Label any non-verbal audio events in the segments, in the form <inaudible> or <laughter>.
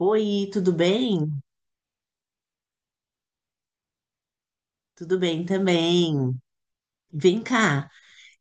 Oi, tudo bem? Tudo bem também. Vem cá,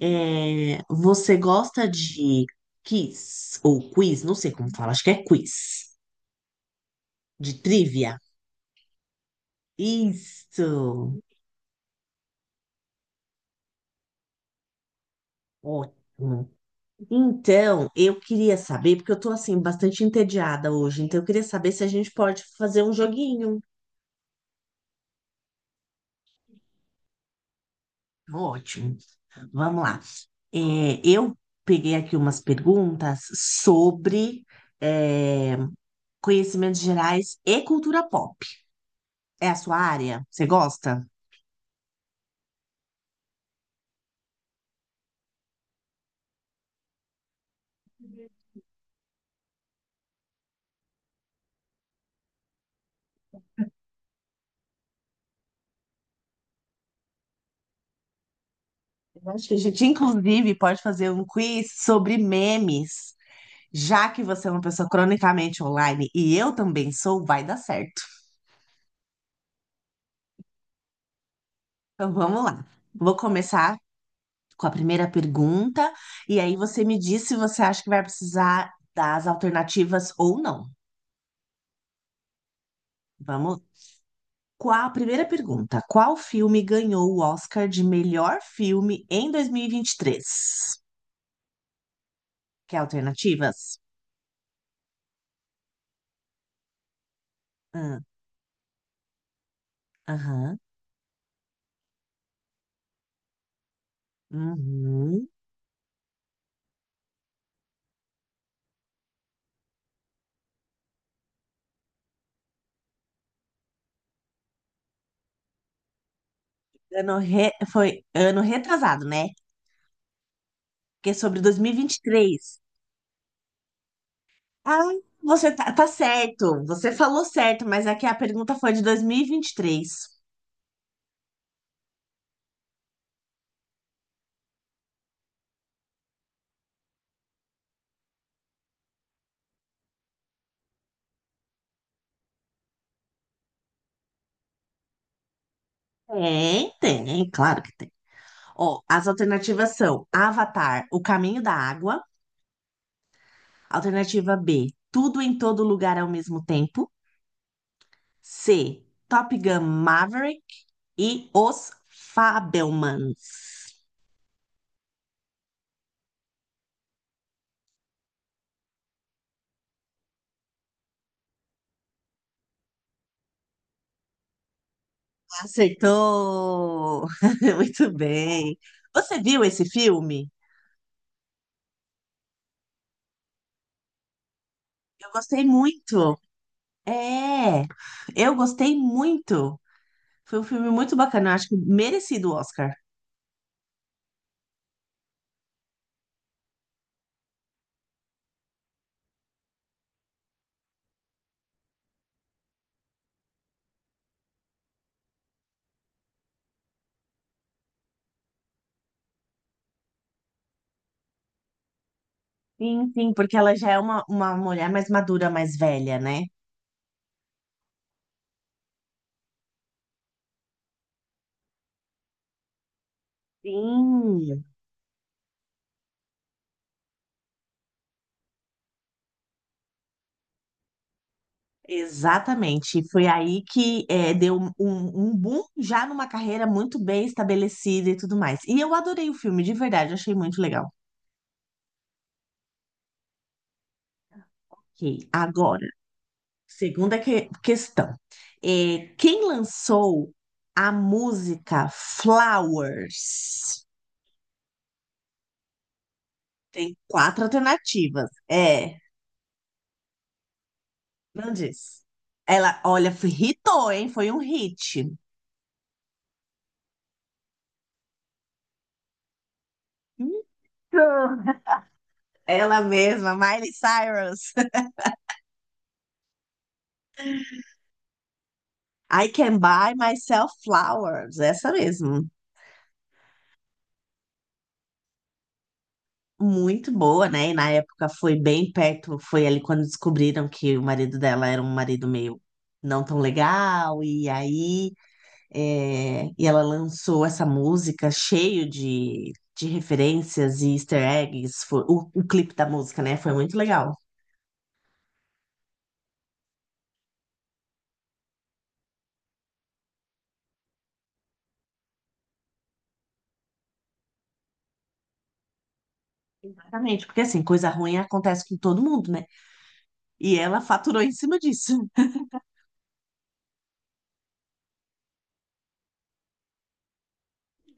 você gosta de quiz ou quiz? Não sei como fala, acho que é quiz, de trivia. Isso, ótimo. Então, eu queria saber, porque eu tô assim, bastante entediada hoje, então eu queria saber se a gente pode fazer um joguinho. Ótimo, então, vamos lá. Eu peguei aqui umas perguntas sobre. é, conhecimentos gerais e cultura pop. É a sua área? Você gosta? Eu acho que a gente, inclusive, pode fazer um quiz sobre memes. Já que você é uma pessoa cronicamente online e eu também sou, vai dar certo. Então vamos lá. Vou começar com a primeira pergunta e aí você me diz se você acha que vai precisar das alternativas ou não. Vamos. Qual a primeira pergunta? Qual filme ganhou o Oscar de melhor filme em 2023? Quer alternativas? Ah. Aham. Uhum. Foi ano retrasado, né? Porque é sobre dois mil e vinte e três. Ah, você tá certo. Você falou certo, mas aqui a pergunta foi de dois mil e vinte e três. Tem, claro que tem. Ó, as alternativas são Avatar, O Caminho da Água. Alternativa B, Tudo em Todo Lugar ao Mesmo Tempo. C, Top Gun Maverick e Os Fabelmans. Acertou. <laughs> Muito bem. Você viu esse filme? Eu gostei muito. É, eu gostei muito. Foi um filme muito bacana. Eu acho que merecido o Oscar. Sim, sim, porque ela já é uma mulher mais madura, mais velha, né? Sim. Exatamente. Foi aí que deu um, um boom já numa carreira muito bem estabelecida e tudo mais. E eu adorei o filme, de verdade, achei muito legal. Ok. Agora, questão. É, quem lançou a música Flowers? Tem quatro alternativas. É, não diz. Ela, olha, hitou, hein? Foi um hit. Hitou. Ela mesma, Miley Cyrus. I Can Buy Myself Flowers, essa mesmo. Muito boa, né? E na época foi bem perto, foi ali quando descobriram que o marido dela era um marido meio não tão legal, e aí e ela lançou essa música cheio de referências e easter eggs. Foi, o clipe da música, né? Foi muito legal. Exatamente, porque assim, coisa ruim acontece com todo mundo, né? E ela faturou em cima disso.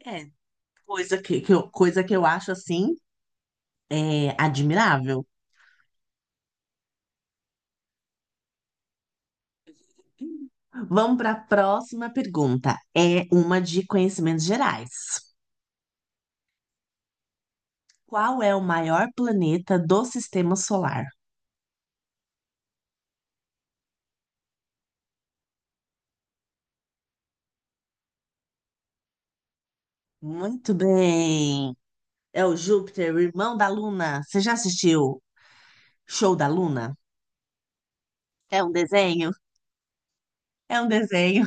É. Coisa que eu, coisa que eu acho assim, é, admirável. Vamos para a próxima pergunta. É uma de conhecimentos gerais. Qual é o maior planeta do sistema solar? Muito bem. É o Júpiter, o irmão da Luna. Você já assistiu Show da Luna? É um desenho? É um desenho.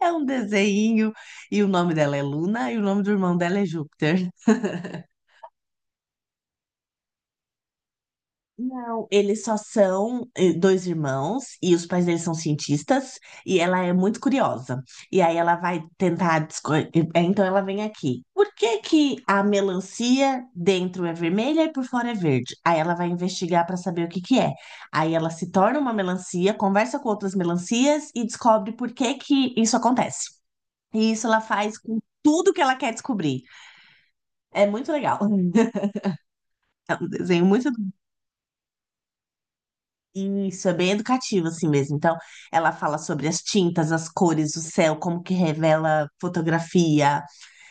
É um desenho, e o nome dela é Luna, e o nome do irmão dela é Júpiter. Não, eles só são dois irmãos, e os pais deles são cientistas, e ela é muito curiosa. E aí ela vai tentar. Então ela vem aqui. Por que que a melancia dentro é vermelha e por fora é verde? Aí ela vai investigar para saber o que que é. Aí ela se torna uma melancia, conversa com outras melancias e descobre por que que isso acontece. E isso ela faz com tudo que ela quer descobrir. É muito legal. <laughs> É um desenho muito. Isso, é bem educativo, assim mesmo. Então, ela fala sobre as tintas, as cores, o céu, como que revela fotografia,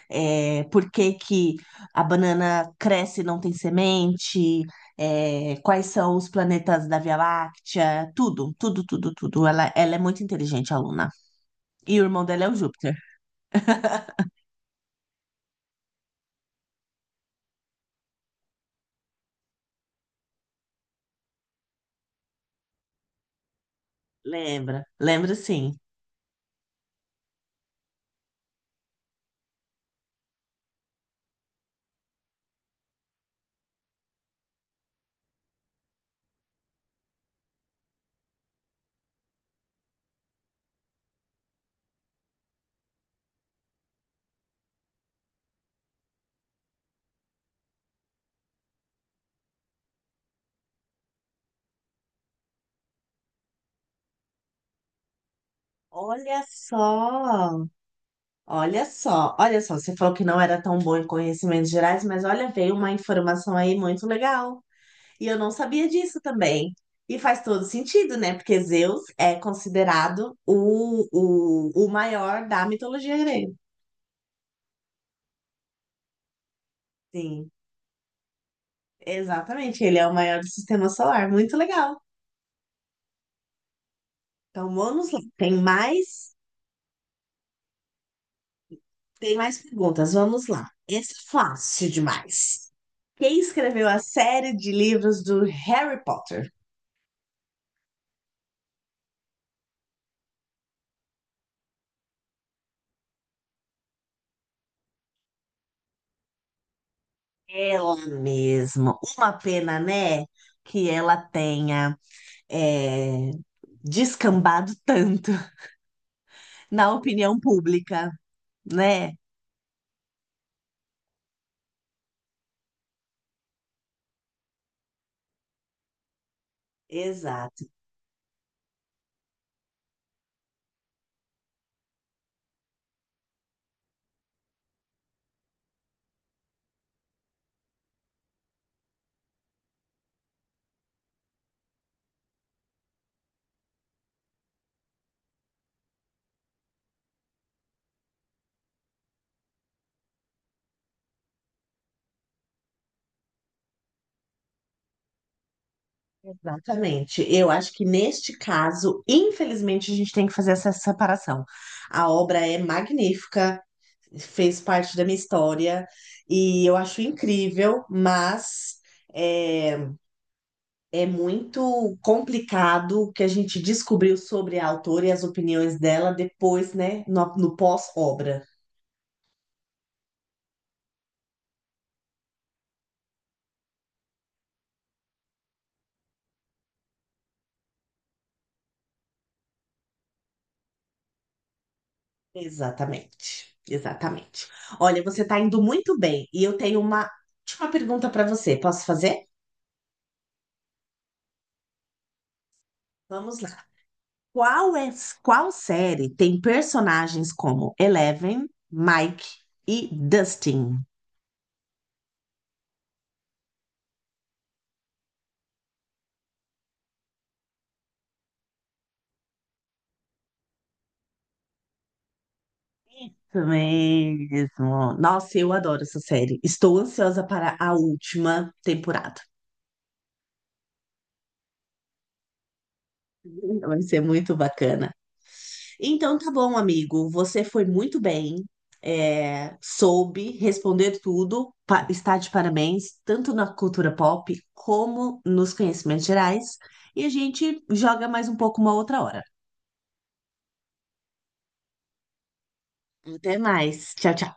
por que que a banana cresce e não tem semente, quais são os planetas da Via Láctea, tudo, tudo, tudo, tudo. Ela é muito inteligente, a aluna. E o irmão dela é o Júpiter. <laughs> Lembra, lembra sim. Olha só! Olha só, olha só, você falou que não era tão bom em conhecimentos gerais, mas olha, veio uma informação aí muito legal. E eu não sabia disso também. E faz todo sentido, né? Porque Zeus é considerado o maior da mitologia grega. Sim, exatamente. Ele é o maior do sistema solar. Muito legal. Então vamos lá. Tem mais perguntas. Vamos lá. Essa é fácil demais. Quem escreveu a série de livros do Harry Potter? Ela mesmo. Uma pena, né? Que ela tenha é, descambado tanto <laughs> na opinião pública, né? Exato, exatamente. Eu acho que neste caso, infelizmente, a gente tem que fazer essa separação. A obra é magnífica, fez parte da minha história e eu acho incrível, mas. eh, É muito complicado o que a gente descobriu sobre a autora e as opiniões dela depois, né? No, no pós-obra. Exatamente, exatamente. Olha, você está indo muito bem e eu tenho uma última pergunta para você. Posso fazer? Vamos lá. Qual é, qual série tem personagens como Eleven, Mike e Dustin? Isso mesmo. Nossa, eu adoro essa série. Estou ansiosa para a última temporada. Vai ser muito bacana. Então, tá bom, amigo. Você foi muito bem. Soube responder tudo. Está de parabéns, tanto na cultura pop como nos conhecimentos gerais. E a gente joga mais um pouco uma outra hora. Até mais. Tchau, tchau.